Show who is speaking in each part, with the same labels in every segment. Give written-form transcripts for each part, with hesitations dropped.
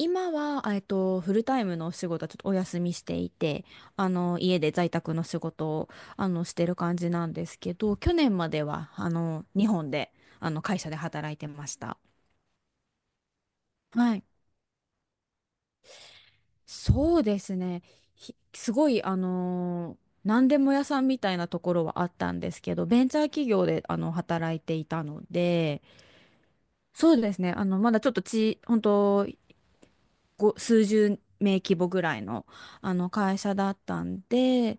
Speaker 1: 今は、フルタイムのお仕事はちょっとお休みしていて、家で在宅の仕事を、してる感じなんですけど、去年までは、日本で、会社で働いてました。はい。そうですね。すごい、何でも屋さんみたいなところはあったんですけど、ベンチャー企業で、働いていたので、そうですね。まだちょっとち、本当数十名規模ぐらいの、会社だったんで、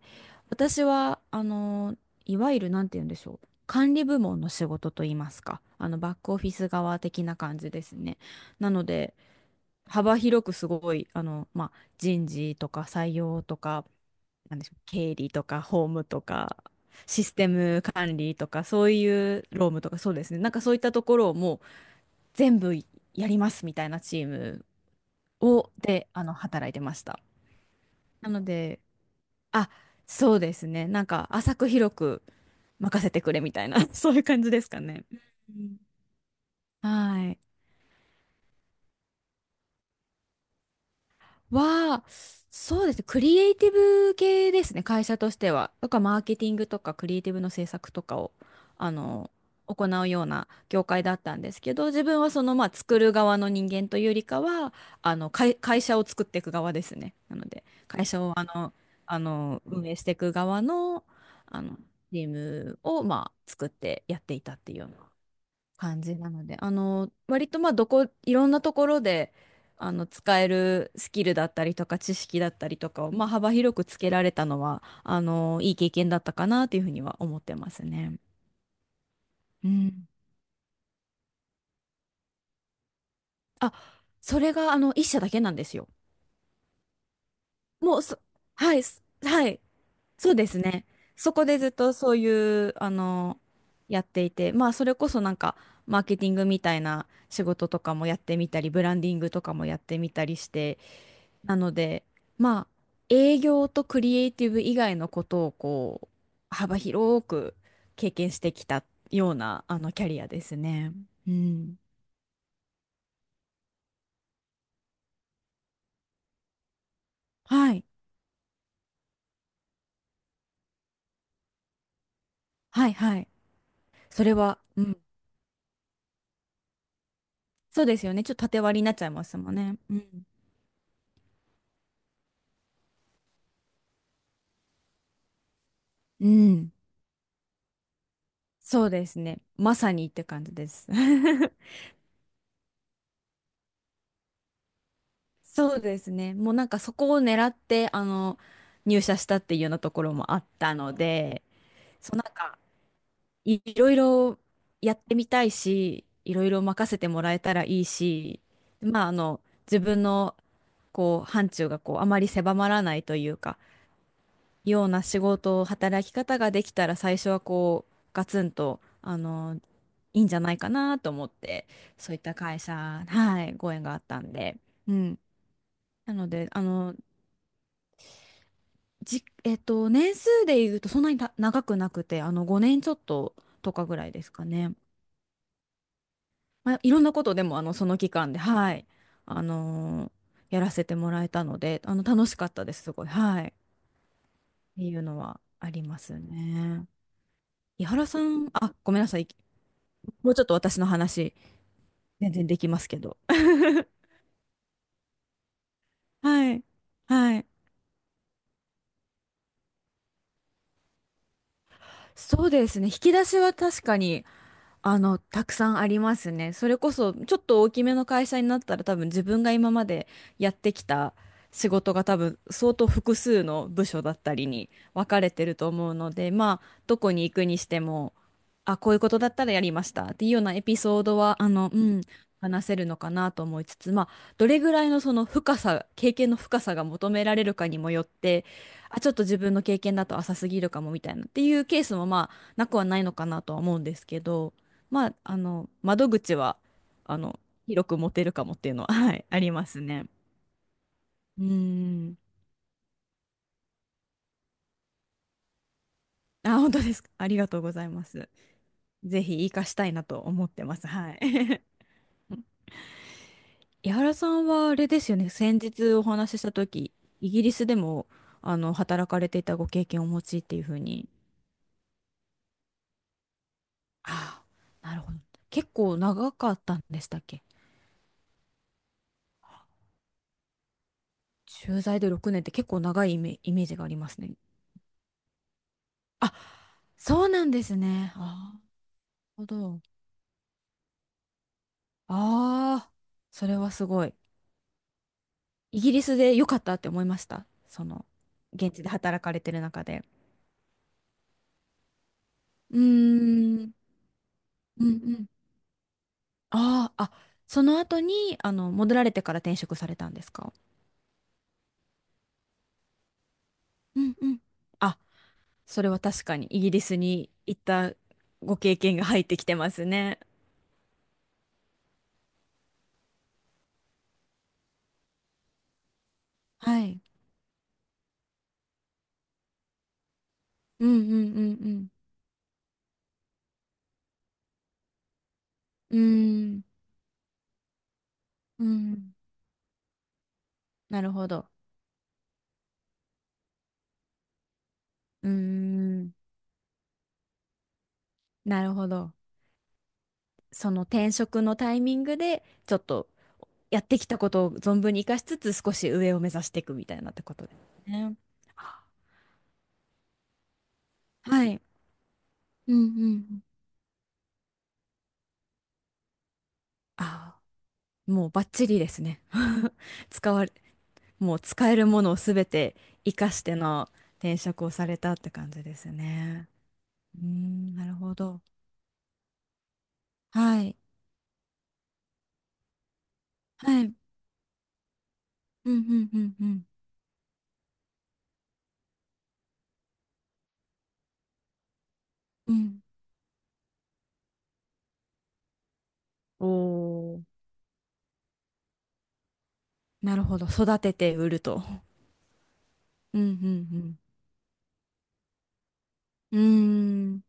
Speaker 1: 私は、いわゆる、なんて言うんでしょう。管理部門の仕事と言いますか、バックオフィス側的な感じですね。なので、幅広くすごい、まあ、人事とか採用とか、なんでしょう、経理とか法務とか、システム管理とか、そういう労務とか、そうですね。なんかそういったところをもう全部やりますみたいなチームを、で、働いてました。なので、あ、そうですね。なんか、浅く広く任せてくれみたいな、そういう感じですかね。うん、はい。は、そうですね。クリエイティブ系ですね。会社としては。とか、マーケティングとか、クリエイティブの制作とかを、あの、行うような業界だったんですけど、自分はその、まあ、作る側の人間というよりかは、会社を作っていく側ですね。なので、会社を、運営していく側の、あの、チームを、まあ、作ってやっていたっていうよう感じなので、割とまあいろんなところで、使えるスキルだったりとか知識だったりとかを、まあ幅広くつけられたのは、いい経験だったかなというふうには思ってますね。うん。あ、それが一社だけなんですよ。もうそ、はい、はい、そうですね。そこでずっとそういう、やっていて、まあそれこそなんか、マーケティングみたいな仕事とかもやってみたり、ブランディングとかもやってみたりして、なので、まあ、営業とクリエイティブ以外のことをこう、幅広く経験してきたような、キャリアですね。うん。はい。はい、はい。それは、うん。そうですよね。ちょっと縦割りになっちゃいますもんね。うん。うん。そうですね。まさにって感じです。そうですね。もうなんかそこを狙って、入社したっていうようなところもあったので、そうなんか、いろいろやってみたいし、いろいろ任せてもらえたらいいし、まあ、自分の、こう、範疇が、こう、あまり狭まらないというか、ような仕事働き方ができたら、最初は、こう、ガツンと、いいんじゃないかなと思って、そういった会社、はい、ご縁があったんで、うん。なので、あの、じ、えっと、年数で言うと、そんなに長くなくて、5年ちょっととかぐらいですかね。まあ、いろんなことでも、その期間で、はい、あのーやらせてもらえたので、楽しかったです、すごい。はい。っていうのはありますね。井原さん、あ、ごめんなさい。もうちょっと私の話、全然できますけど。はい。はい。そうですね。引き出しは確かに、たくさんありますね。それこそ、ちょっと大きめの会社になったら多分自分が今までやってきた仕事が多分相当複数の部署だったりに分かれてると思うので、まあ、どこに行くにしても、あ、こういうことだったらやりましたっていうようなエピソードは、うん、話せるのかなと思いつつ、まあ、どれぐらいのその深さ、経験の深さが求められるかにもよって、あ、ちょっと自分の経験だと浅すぎるかもみたいなっていうケースもまあ、なくはないのかなとは思うんですけど、まあ、窓口は、あの、広く持てるかもっていうのは、はい、ありますね。うーん。あ、本当ですか？ありがとうございます。ぜひ活かしたいなと思ってます。はい。井原さんはあれですよね。先日お話しした時、イギリスでも、働かれていたご経験をお持ちっていうふうに。ああ、なるほど。結構長かったんでしたっけ？駐在で6年って結構長いイメージがありますね。あ、そうなんですね。ああ、なるほど。ああ、それはすごい。イギリスで良かったって思いました。その、現地で働かれてる中で。うーん、うんうん。ああ、あ、その後に、戻られてから転職されたんですか？うんうん。あ、それは確かにイギリスに行ったご経験が入ってきてますね。はい。うんうんうんうん。うーん、うん。なるほど。うーん、なるほど。その転職のタイミングで、ちょっとやってきたことを存分に活かしつつ、少し上を目指していくみたいなってことですね。はい。うんうんうん。ああ、もうバッチリですね。使われ、もう使えるものをすべて活かしての転職をされたって感じですね。うーん、なるほど。はい。はい。うんうんうんうんうん。おお、なるほど。育てて売ると。うんうんうん。うーん。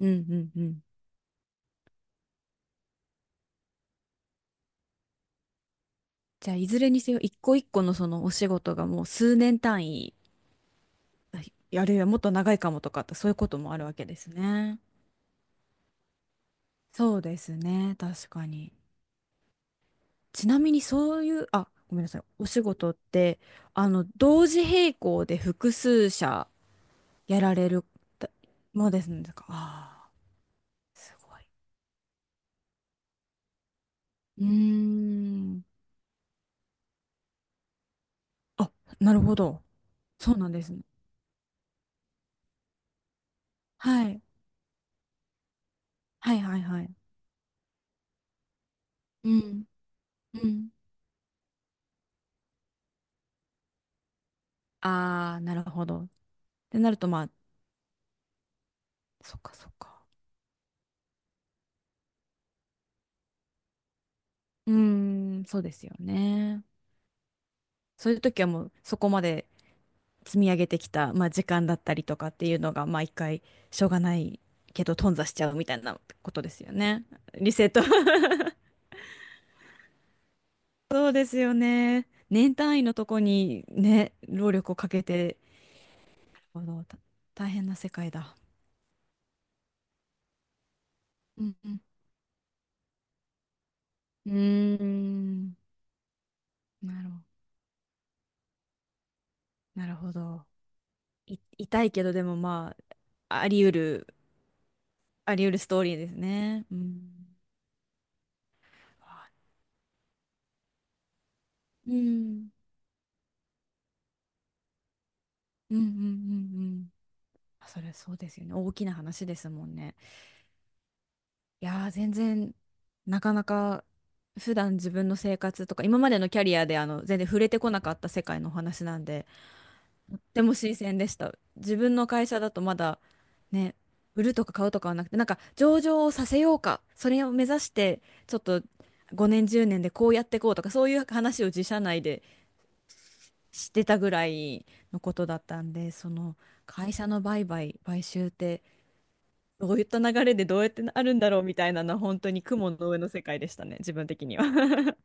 Speaker 1: うんうんうん。じゃあ、いずれにせよ、一個一個のそのお仕事がもう数年単位、あるいはもっと長いかもとかって、そういうこともあるわけですね。そうですね、確かに。ちなみにそういう、あ、ごめんなさい、お仕事って、同時並行で複数社やられるたものですね、か、ああ、すごい。うーん。あ、なるほど。そうなんですね。はい。はいはいはい。うん。うん。ああ、なるほど。ってなると、まあ、そっかそっか。うーん、そうですよね。そういう時はもうそこまで積み上げてきた、まあ、時間だったりとかっていうのが、まあ一回しょうがないけど頓挫しちゃうみたいなことですよね。リセット。そうですよね。年単位のとこにね、労力をかけて、あの、た大変な世界だ。うんうん。うーん、なるほど。なるほど。痛いけどでもまあ、あり得るストーリーですね。うん。わうん、うんうんうんうん、あ、それそうですよね。大きな話ですもんね。いやー、全然なかなか普段自分の生活とか今までのキャリアで全然触れてこなかった世界のお話なんで、とても新鮮でした。自分の会社だとまだね、売るとか買うとかはなくて、なんか上場をさせようかそれを目指してちょっと5年10年でこうやっていこうとか、そういう話を自社内でしてたぐらいのことだったんで、その会社の売買、買収ってどういった流れでどうやってなるんだろうみたいなのは本当に雲の上の世界でしたね、自分的には。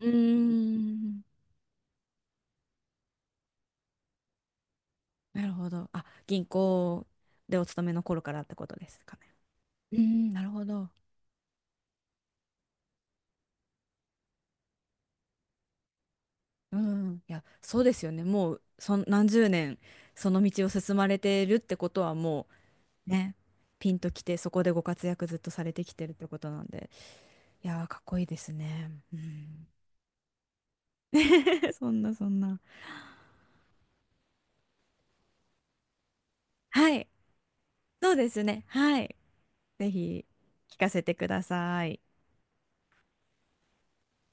Speaker 1: うーん。なるほど。あ、銀行でお勤めの頃からってことですかね。うーん、なるほど。うん、いや、そうですよね。もう、何十年、その道を進まれてるってことは、もうね、ピンときて、そこでご活躍ずっとされてきてるってことなんで、いやー、かっこいいですね。うん。 そんな、そんな。はい。そうですね。はい。ぜひ、聞かせてください。